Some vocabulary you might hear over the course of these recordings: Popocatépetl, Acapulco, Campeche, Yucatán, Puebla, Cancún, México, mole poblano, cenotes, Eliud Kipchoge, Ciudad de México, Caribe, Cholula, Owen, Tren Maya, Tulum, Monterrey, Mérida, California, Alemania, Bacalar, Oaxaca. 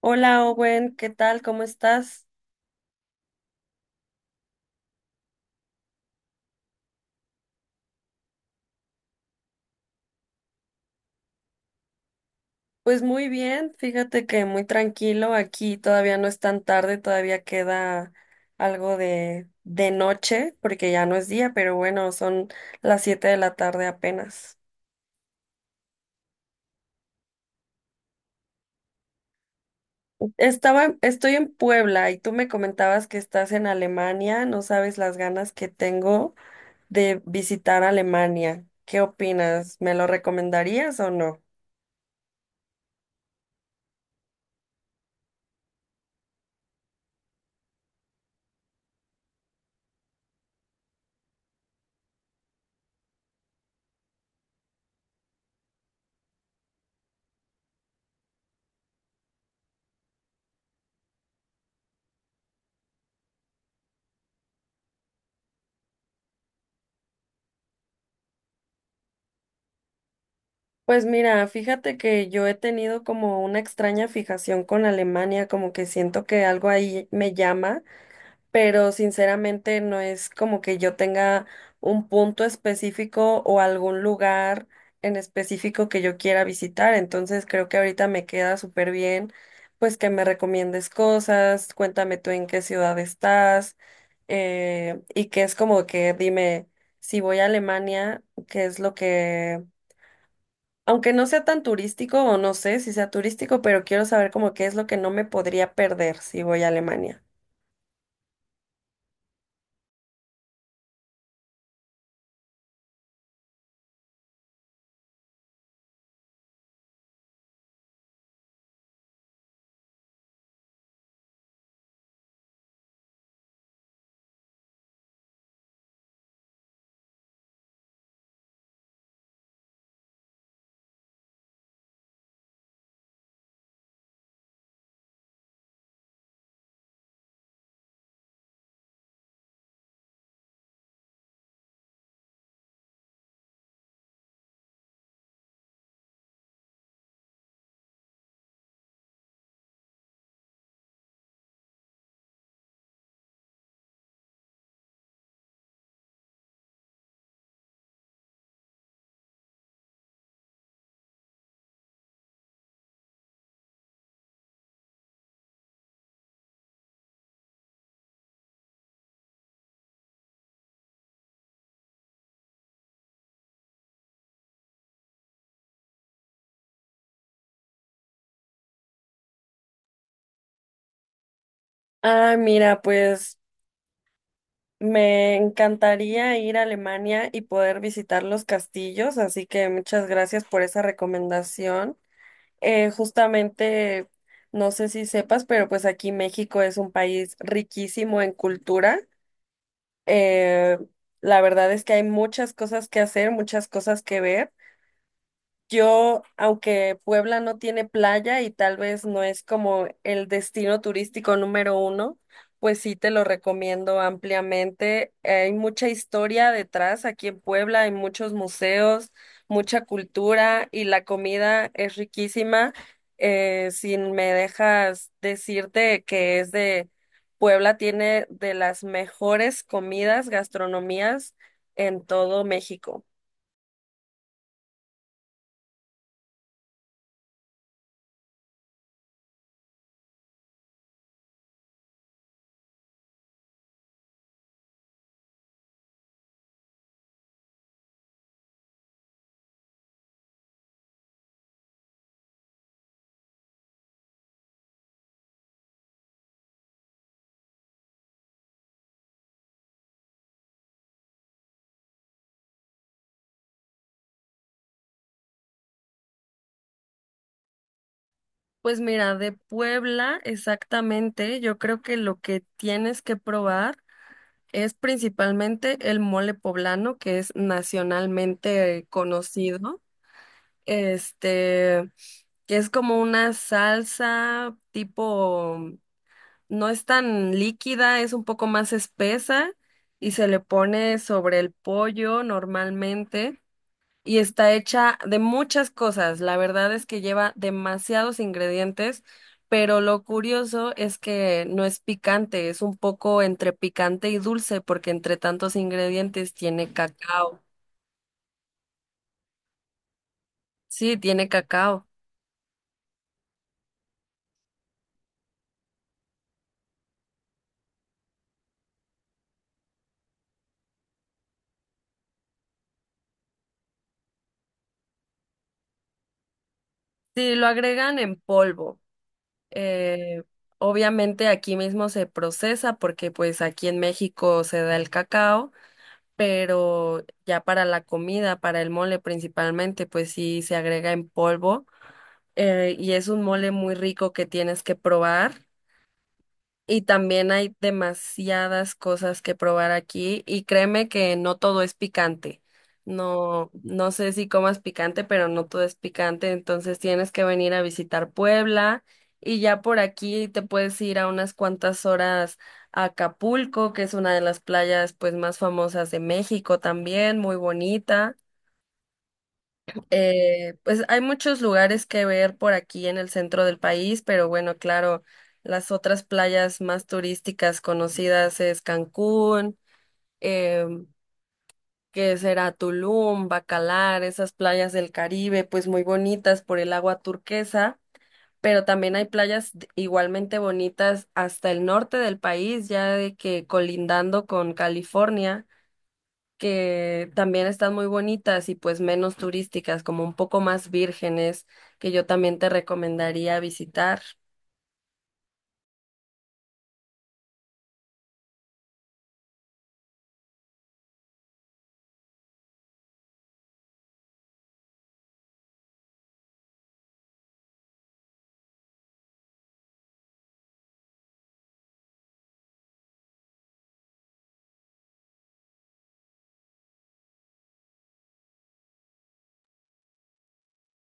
Hola Owen, ¿qué tal? ¿Cómo estás? Pues muy bien, fíjate que muy tranquilo, aquí todavía no es tan tarde, todavía queda algo de noche, porque ya no es día, pero bueno, son las 7 de la tarde apenas. Estoy en Puebla y tú me comentabas que estás en Alemania, no sabes las ganas que tengo de visitar Alemania. ¿Qué opinas? ¿Me lo recomendarías o no? Pues mira, fíjate que yo he tenido como una extraña fijación con Alemania, como que siento que algo ahí me llama, pero sinceramente no es como que yo tenga un punto específico o algún lugar en específico que yo quiera visitar, entonces creo que ahorita me queda súper bien, pues que me recomiendes cosas, cuéntame tú en qué ciudad estás, y que es como que dime si voy a Alemania, qué es lo que, aunque no sea tan turístico, o no sé si sea turístico, pero quiero saber como qué es lo que no me podría perder si voy a Alemania. Ah, mira, pues me encantaría ir a Alemania y poder visitar los castillos, así que muchas gracias por esa recomendación. Justamente, no sé si sepas, pero pues aquí México es un país riquísimo en cultura. Eh, la verdad es que hay muchas cosas que hacer, muchas cosas que ver. Yo, aunque Puebla no tiene playa y tal vez no es como el destino turístico número uno, pues sí te lo recomiendo ampliamente. Hay mucha historia detrás aquí en Puebla, hay muchos museos, mucha cultura y la comida es riquísima. Si me dejas decirte, que es de Puebla, tiene de las mejores comidas, gastronomías en todo México. Pues mira, de Puebla exactamente, yo creo que lo que tienes que probar es principalmente el mole poblano, que es nacionalmente conocido. Este, que es como una salsa tipo, no es tan líquida, es un poco más espesa y se le pone sobre el pollo normalmente, y está hecha de muchas cosas. La verdad es que lleva demasiados ingredientes, pero lo curioso es que no es picante, es un poco entre picante y dulce, porque entre tantos ingredientes tiene cacao. Sí, tiene cacao. Sí, lo agregan en polvo. Eh, Obviamente aquí mismo se procesa, porque pues aquí en México se da el cacao. Pero ya para la comida, para el mole principalmente, pues sí se agrega en polvo, y es un mole muy rico que tienes que probar. Y también hay demasiadas cosas que probar aquí, y créeme que no todo es picante. No, no sé si comas picante, pero no todo es picante, entonces tienes que venir a visitar Puebla y ya por aquí te puedes ir a unas cuantas horas a Acapulco, que es una de las playas pues más famosas de México también, muy bonita. Pues hay muchos lugares que ver por aquí en el centro del país, pero bueno, claro, las otras playas más turísticas conocidas es Cancún, em, que será Tulum, Bacalar, esas playas del Caribe, pues muy bonitas por el agua turquesa, pero también hay playas igualmente bonitas hasta el norte del país, ya de que colindando con California, que también están muy bonitas y pues menos turísticas, como un poco más vírgenes, que yo también te recomendaría visitar.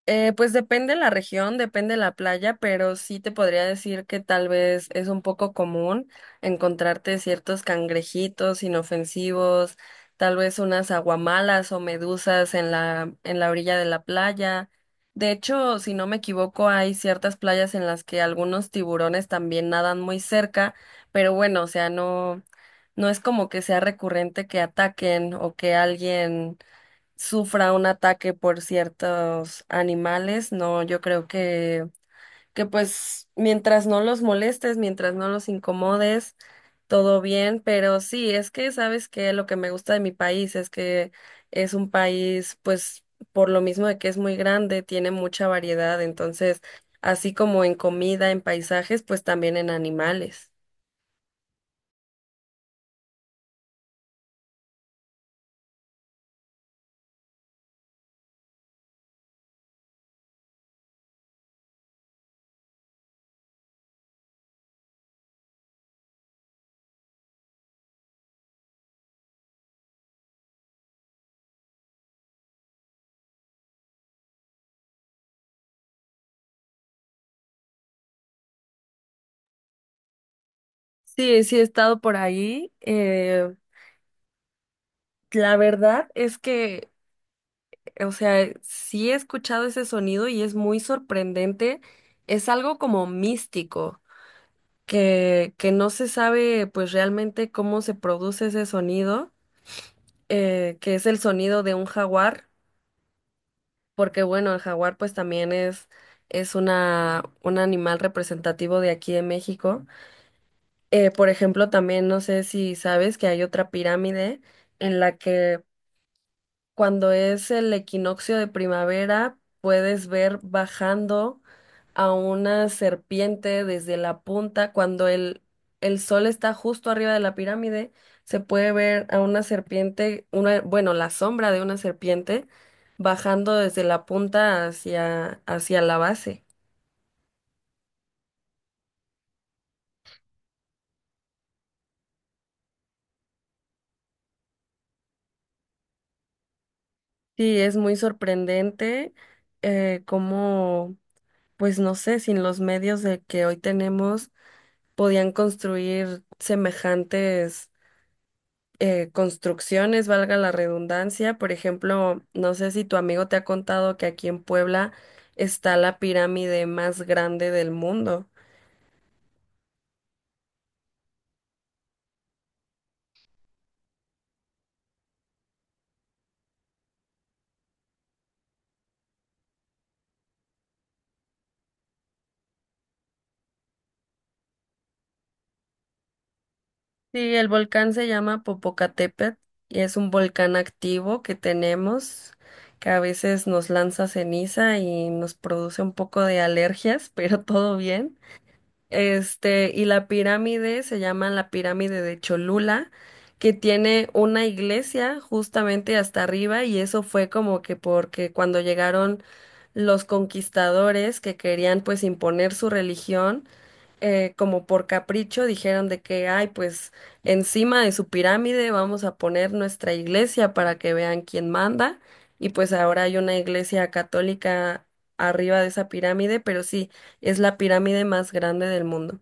Pues depende la región, depende la playa, pero sí te podría decir que tal vez es un poco común encontrarte ciertos cangrejitos inofensivos, tal vez unas aguamalas o medusas en la orilla de la playa. De hecho, si no me equivoco, hay ciertas playas en las que algunos tiburones también nadan muy cerca, pero bueno, o sea, no, no es como que sea recurrente que ataquen o que alguien sufra un ataque por ciertos animales, no, yo creo que pues mientras no los molestes, mientras no los incomodes, todo bien, pero sí, es que sabes que lo que me gusta de mi país es que es un país, pues, por lo mismo de que es muy grande, tiene mucha variedad, entonces, así como en comida, en paisajes, pues también en animales. Sí, sí he estado por ahí. La verdad es que, o sea, sí he escuchado ese sonido y es muy sorprendente. Es algo como místico, que no se sabe pues realmente cómo se produce ese sonido, que es el sonido de un jaguar, porque bueno, el jaguar pues también es una, un animal representativo de aquí de México. Por ejemplo, también no sé si sabes que hay otra pirámide en la que, cuando es el equinoccio de primavera, puedes ver bajando a una serpiente desde la punta. Cuando el sol está justo arriba de la pirámide, se puede ver a una serpiente, bueno, la sombra de una serpiente, bajando desde la punta hacia, hacia la base. Sí, es muy sorprendente cómo, pues no sé, sin los medios de que hoy tenemos, podían construir semejantes construcciones, valga la redundancia. Por ejemplo, no sé si tu amigo te ha contado que aquí en Puebla está la pirámide más grande del mundo. Sí, el volcán se llama Popocatépetl y es un volcán activo que tenemos, que a veces nos lanza ceniza y nos produce un poco de alergias, pero todo bien. Este, y la pirámide se llama la pirámide de Cholula, que tiene una iglesia justamente hasta arriba, y eso fue como que porque cuando llegaron los conquistadores que querían pues imponer su religión, como por capricho dijeron de que, ay, pues encima de su pirámide vamos a poner nuestra iglesia para que vean quién manda. Y pues ahora hay una iglesia católica arriba de esa pirámide, pero sí, es la pirámide más grande del mundo.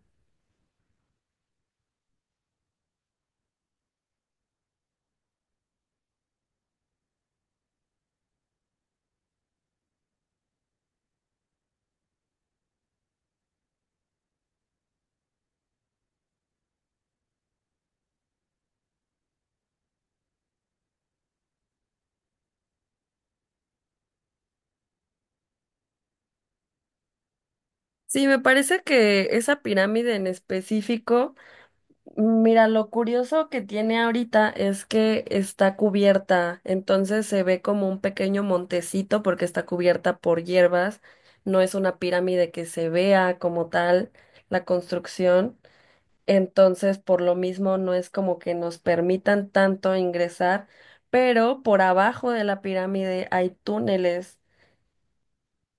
Sí, me parece que esa pirámide en específico. Mira, lo curioso que tiene ahorita es que está cubierta, entonces se ve como un pequeño montecito porque está cubierta por hierbas, no es una pirámide que se vea como tal la construcción, entonces por lo mismo no es como que nos permitan tanto ingresar, pero por abajo de la pirámide hay túneles.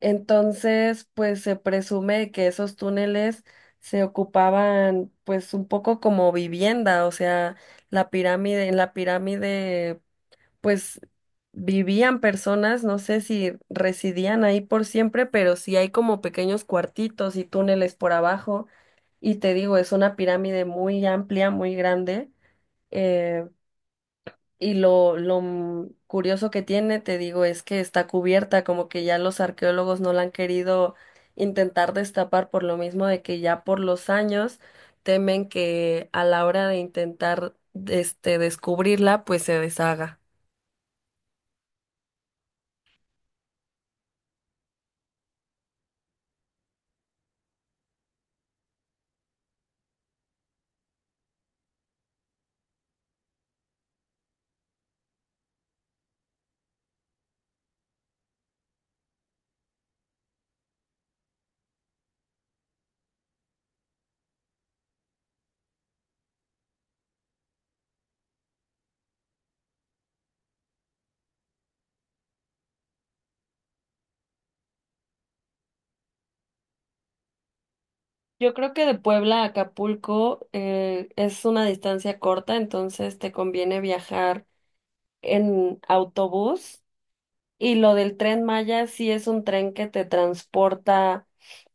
Entonces, pues se presume que esos túneles se ocupaban pues un poco como vivienda, o sea, la pirámide, en la pirámide pues vivían personas, no sé si residían ahí por siempre, pero sí hay como pequeños cuartitos y túneles por abajo. Y te digo, es una pirámide muy amplia, muy grande. eh, y lo curioso que tiene, te digo, es que está cubierta, como que ya los arqueólogos no la han querido intentar destapar por lo mismo de que ya por los años temen que, a la hora de intentar este descubrirla, pues se deshaga. Yo creo que de Puebla a Acapulco es una distancia corta, entonces te conviene viajar en autobús. Y lo del Tren Maya sí es un tren que te transporta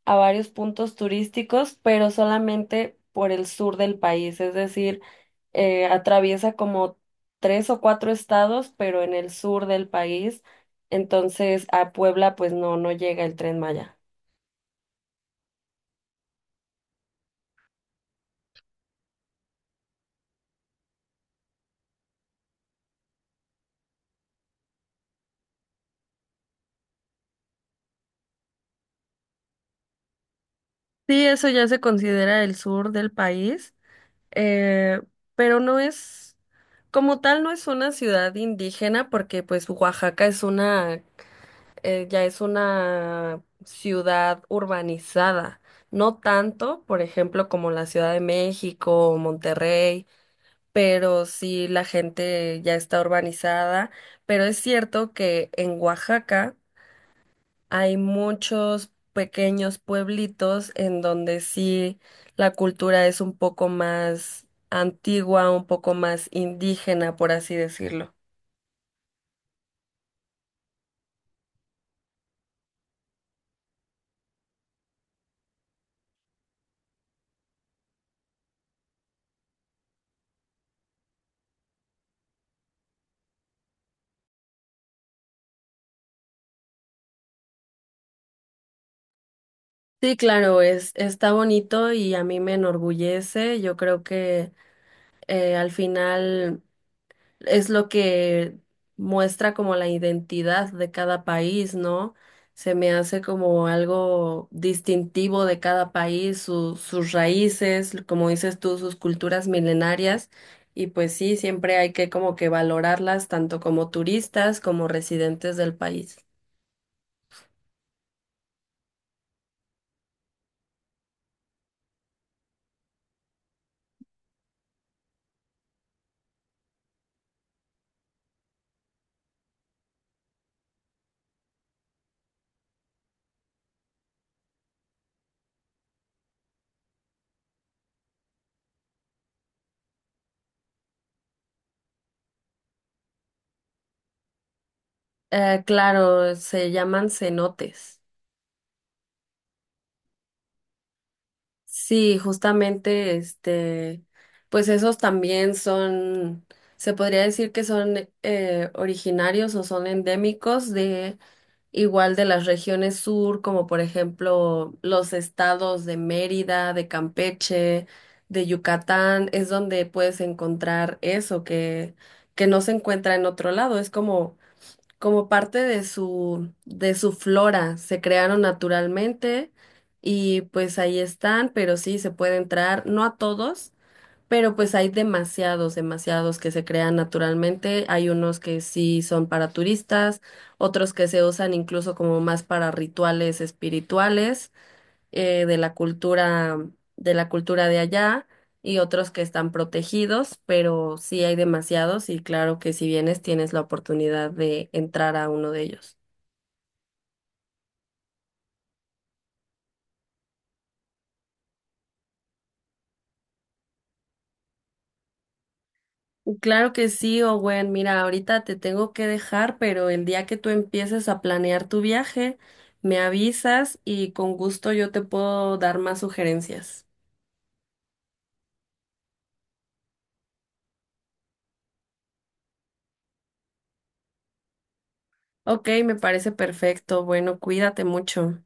a varios puntos turísticos, pero solamente por el sur del país, es decir, atraviesa como tres o cuatro estados, pero en el sur del país, entonces a Puebla pues no, no llega el Tren Maya. Sí, eso ya se considera el sur del país, eh, pero no es, como tal, no es una ciudad indígena, porque pues Oaxaca es una ya es una ciudad urbanizada, no tanto, por ejemplo, como la Ciudad de México o Monterrey, pero sí la gente ya está urbanizada, pero es cierto que en Oaxaca hay muchos pequeños pueblitos en donde sí la cultura es un poco más antigua, un poco más indígena, por así decirlo. Sí, claro, está bonito y a mí me enorgullece. Yo creo que, al final, es lo que muestra como la identidad de cada país, ¿no? Se me hace como algo distintivo de cada país, sus raíces, como dices tú, sus culturas milenarias. Y pues sí, siempre hay que como que valorarlas tanto como turistas como residentes del país. Claro, se llaman cenotes. Sí, justamente, este, pues esos también son, se podría decir que son originarios o son endémicos de, igual, de las regiones sur, como por ejemplo los estados de Mérida, de Campeche, de Yucatán, es donde puedes encontrar eso que no se encuentra en otro lado. Es como parte de su flora, se crearon naturalmente y pues ahí están, pero sí se puede entrar, no a todos, pero pues hay demasiados, demasiados que se crean naturalmente, hay unos que sí son para turistas, otros que se usan incluso como más para rituales espirituales de la cultura, de la cultura de allá, y otros que están protegidos, pero sí hay demasiados, y claro que si vienes tienes la oportunidad de entrar a uno de ellos. Claro que sí, Owen. Mira, ahorita te tengo que dejar, pero el día que tú empieces a planear tu viaje, me avisas y con gusto yo te puedo dar más sugerencias. Ok, me parece perfecto. Bueno, cuídate mucho.